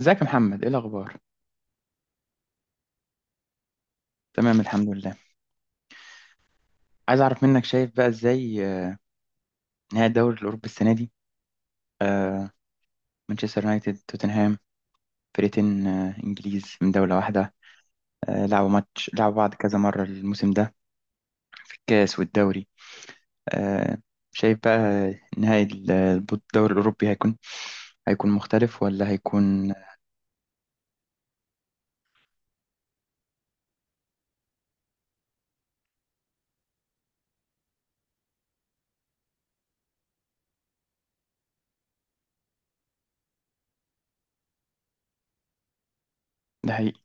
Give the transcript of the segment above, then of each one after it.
ازيك يا محمد، ايه الاخبار؟ تمام، الحمد لله. عايز اعرف منك، شايف بقى ازاي نهائي الدوري الاوروبي السنه دي؟ آه، مانشستر يونايتد، توتنهام، فرقتين انجليز من دوله واحده. لعبوا ماتش، لعبوا بعض كذا مره الموسم ده في الكاس والدوري. آه، شايف بقى نهائي الدوري الاوروبي هيكون مختلف ولا هيكون؟ ده حقيقي.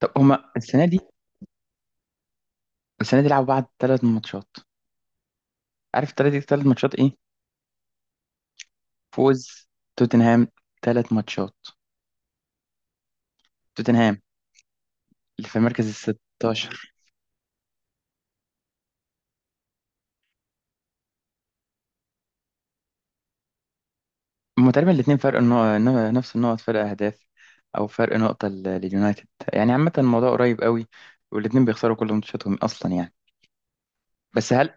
طب هما السنه دي لعبوا بعض ثلاث ماتشات. عارف الثلاث ماتشات ايه؟ فوز توتنهام، ثلاث ماتشات. توتنهام اللي في المركز ال 16. هما تقريبا الاثنين فرق النقط، نفس النقط فرق اهداف، او فرق نقطة لليونايتد. يعني عامة الموضوع قريب قوي، والاثنين بيخسروا كل ماتشاتهم اصلا يعني. بس هل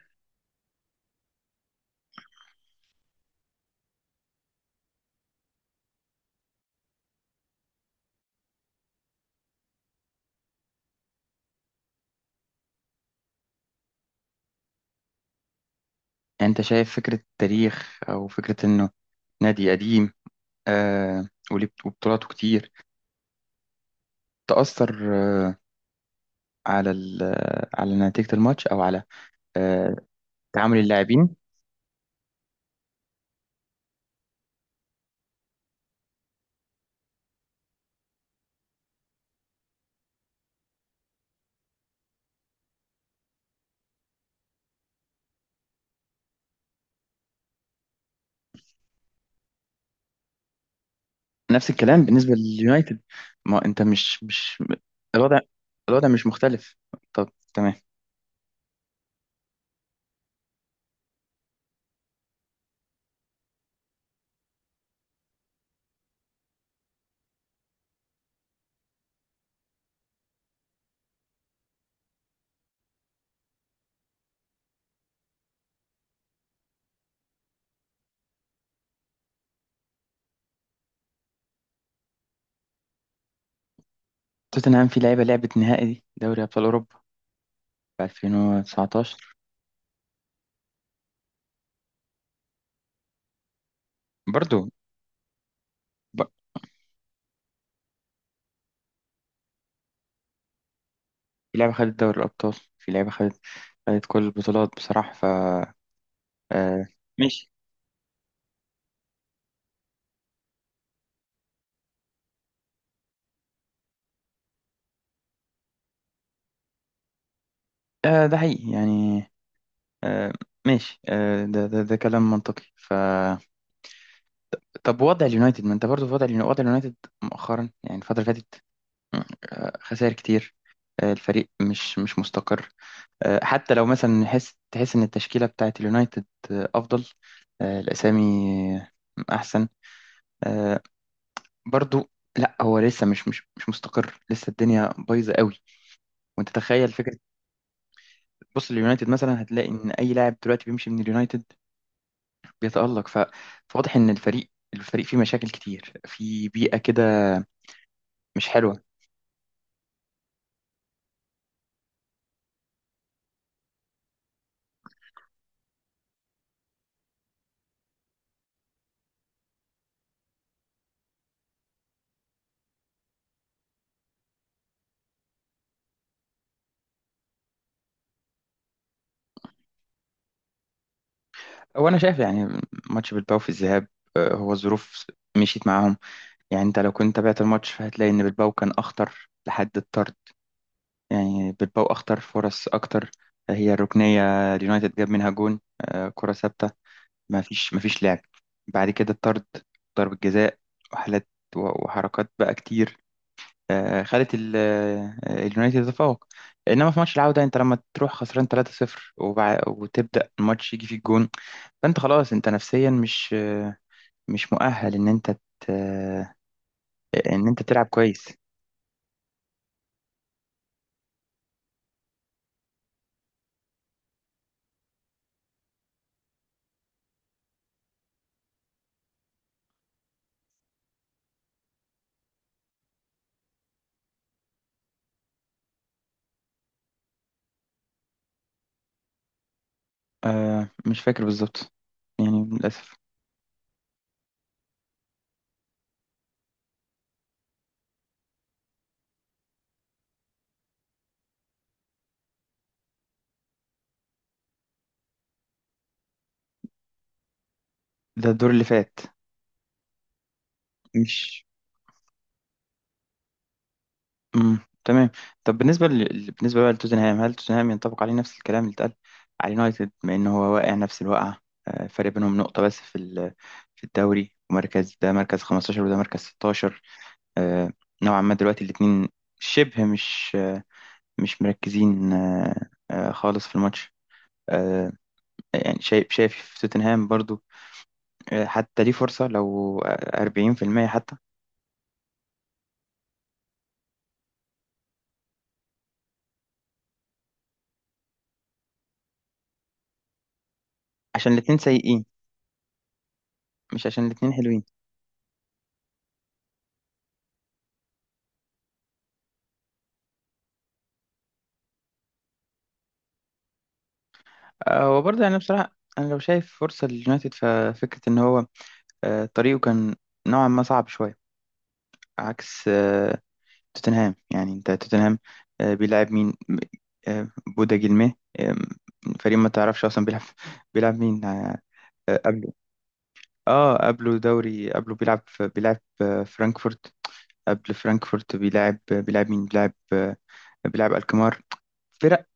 انت شايف فكرة تاريخ او فكرة انه نادي قديم وليه وبطولاته كتير تأثر آه على على نتيجة الماتش او على آه تعامل اللاعبين؟ نفس الكلام بالنسبة لليونايتد. ما انت مش الوضع الوضع مش مختلف. طب تمام. توتنهام في لعبة نهائي دي دوري أبطال أوروبا في 2019 برضو. ب- في لعبة خدت دوري الأبطال، في لعبة خدت كل البطولات بصراحة ف... آه، ماشي. ده حقيقي يعني. آه ماشي. ده كلام منطقي ف... طب وضع اليونايتد، ما انت برضو في وضع اليونايتد، مؤخرا يعني الفترة اللي فاتت، خسائر كتير، الفريق مش مستقر، حتى لو مثلا تحس ان التشكيله بتاعت اليونايتد افضل، الاسامي آه، احسن، آه برضو. لا، هو لسه مش مستقر، لسه الدنيا بايظه قوي. وانت تخيل فكره، بص اليونايتد مثلا هتلاقي ان اي لاعب دلوقتي بيمشي من اليونايتد بيتالق. فواضح ان الفريق فيه مشاكل كتير في بيئه كده مش حلوه. هو انا شايف يعني ماتش بالباو في الذهاب، هو الظروف مشيت معاهم. يعني انت لو كنت تابعت الماتش فهتلاقي ان بالباو كان اخطر لحد الطرد. يعني بالباو اخطر، فرص اكتر، هي الركنيه اليونايتد جاب منها جون، كره ثابته. ما فيش لعب. بعد كده الطرد، ضرب الجزاء وحالات وحركات بقى كتير خلت اليونايتد يتفوق. انما في ماتش العودة انت لما تروح خسران 3-0 وتبدأ الماتش يجي فيك جون، فانت خلاص انت نفسيا مش مش مؤهل ان انت ان انت تلعب كويس. مش فاكر بالظبط، يعني للأسف. ده الدور اللي فات، مش... امم تمام. طب بالنسبه بالنسبه بقى لتوتنهام، هل توتنهام ينطبق عليه نفس الكلام اللي اتقال على اليونايتد بما ان هو واقع نفس الوقعه؟ فرق بينهم نقطه بس في في الدوري، ومركز ده مركز 15 وده مركز 16، آه، نوعا ما دلوقتي الاثنين شبه مش مش مركزين خالص في الماتش. آه، يعني شايف في توتنهام برضو حتى ليه فرصه، لو 40% حتى. عشان الاثنين سيئين، مش عشان الاثنين هو برضه يعني. بصراحة أنا لو شايف فرصة لليونايتد ففكرة إن هو طريقه كان نوعا ما صعب شوية عكس توتنهام. يعني أنت توتنهام بيلعب مين؟ آه، بودا جيلمي آه، فريق ما تعرفش أصلا بيلعب بيلعب مين قبله. اه قبله دوري قبله بيلعب بيلعب فرانكفورت. قبل فرانكفورت بيلعب بيلعب مين؟ بيلعب بيلعب الكمار، فرق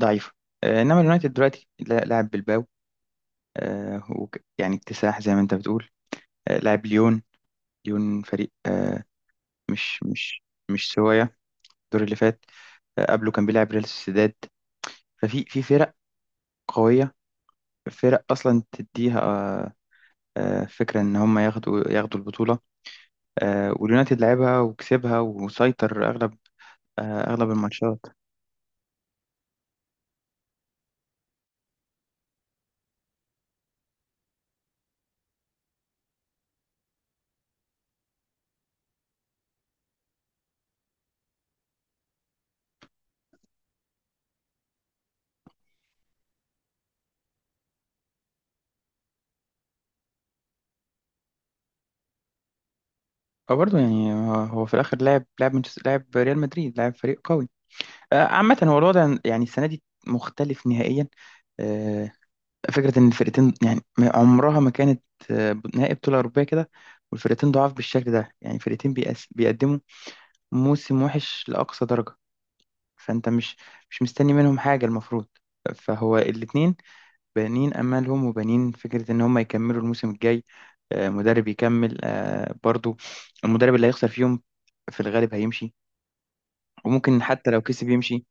ضعيفة. إنما اليونايتد دلوقتي لاعب بالباو يعني اكتساح زي ما انت بتقول. لعب ليون، ليون فريق مش مش مش سوايا الدور اللي فات. قبله كان بيلعب ريال سوسيداد. ففي في فرق قوية، فرق أصلا تديها فكرة إن هم ياخدوا البطولة. واليونايتد لعبها وكسبها وسيطر أغلب أغلب الماتشات. أو برضه يعني هو في الآخر لعب ريال مدريد، لعب فريق قوي. عامة هو الوضع يعني السنة دي مختلف نهائيا. آه، فكرة إن الفرقتين يعني عمرها ما كانت نهائي بطولة أوروبية كده، والفرقتين ضعاف بالشكل ده، يعني فرقتين بيقدموا موسم وحش لأقصى درجة. فأنت مش مستني منهم حاجة المفروض. فهو الاتنين بانين أمالهم وبانين فكرة إن هم يكملوا الموسم الجاي، مدرب يكمل برضو. المدرب اللي هيخسر فيهم في الغالب هيمشي، وممكن حتى لو كسب يمشي.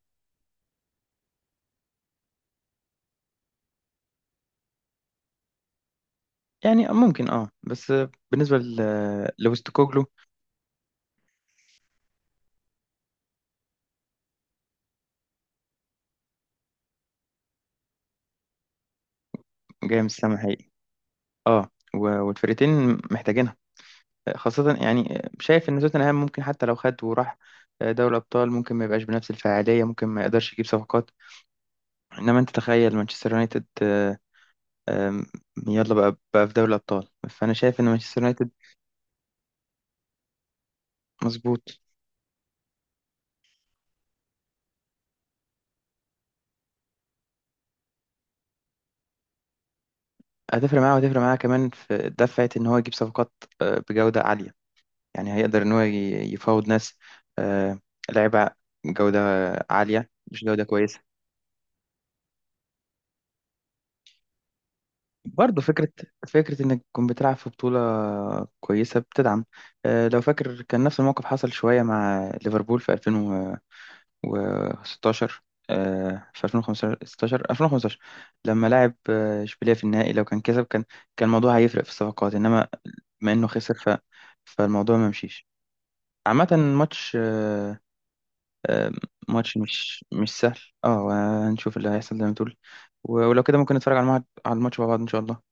يعني ممكن اه، بس بالنسبة لوستوكوغلو. جاي من السما. اه، والفرقتين محتاجينها. خاصة يعني شايف ان توتنهام ممكن حتى لو خد وراح دوري ابطال ممكن ما يبقاش بنفس الفعالية، ممكن ما يقدرش يجيب صفقات. انما انت تخيل مانشستر يونايتد آم، يلا بقى في دوري الابطال، فانا شايف ان مانشستر يونايتد مظبوط. هتفرق معاه، وهتفرق معاه كمان في دفعة ان هو يجيب صفقات بجودة عالية. يعني هيقدر ان هو يفاوض ناس آه، لاعيبة جودة عالية، مش جودة كويسة. برضه فكرة، فكرة إنك تكون بتلعب في بطولة كويسة بتدعم. لو فاكر كان نفس الموقف حصل شوية مع ليفربول في 2016، في 2015، لما لعب إشبيلية في النهائي، لو كان كسب كان كان الموضوع هيفرق في الصفقات، إنما بما إنه خسر ف... فالموضوع ما مشيش. عامة ماتش آه، ماتش مش سهل. اه، هنشوف اللي هيحصل زي ما تقول، ولو كده ممكن نتفرج على على الماتش مع بعض إن شاء الله.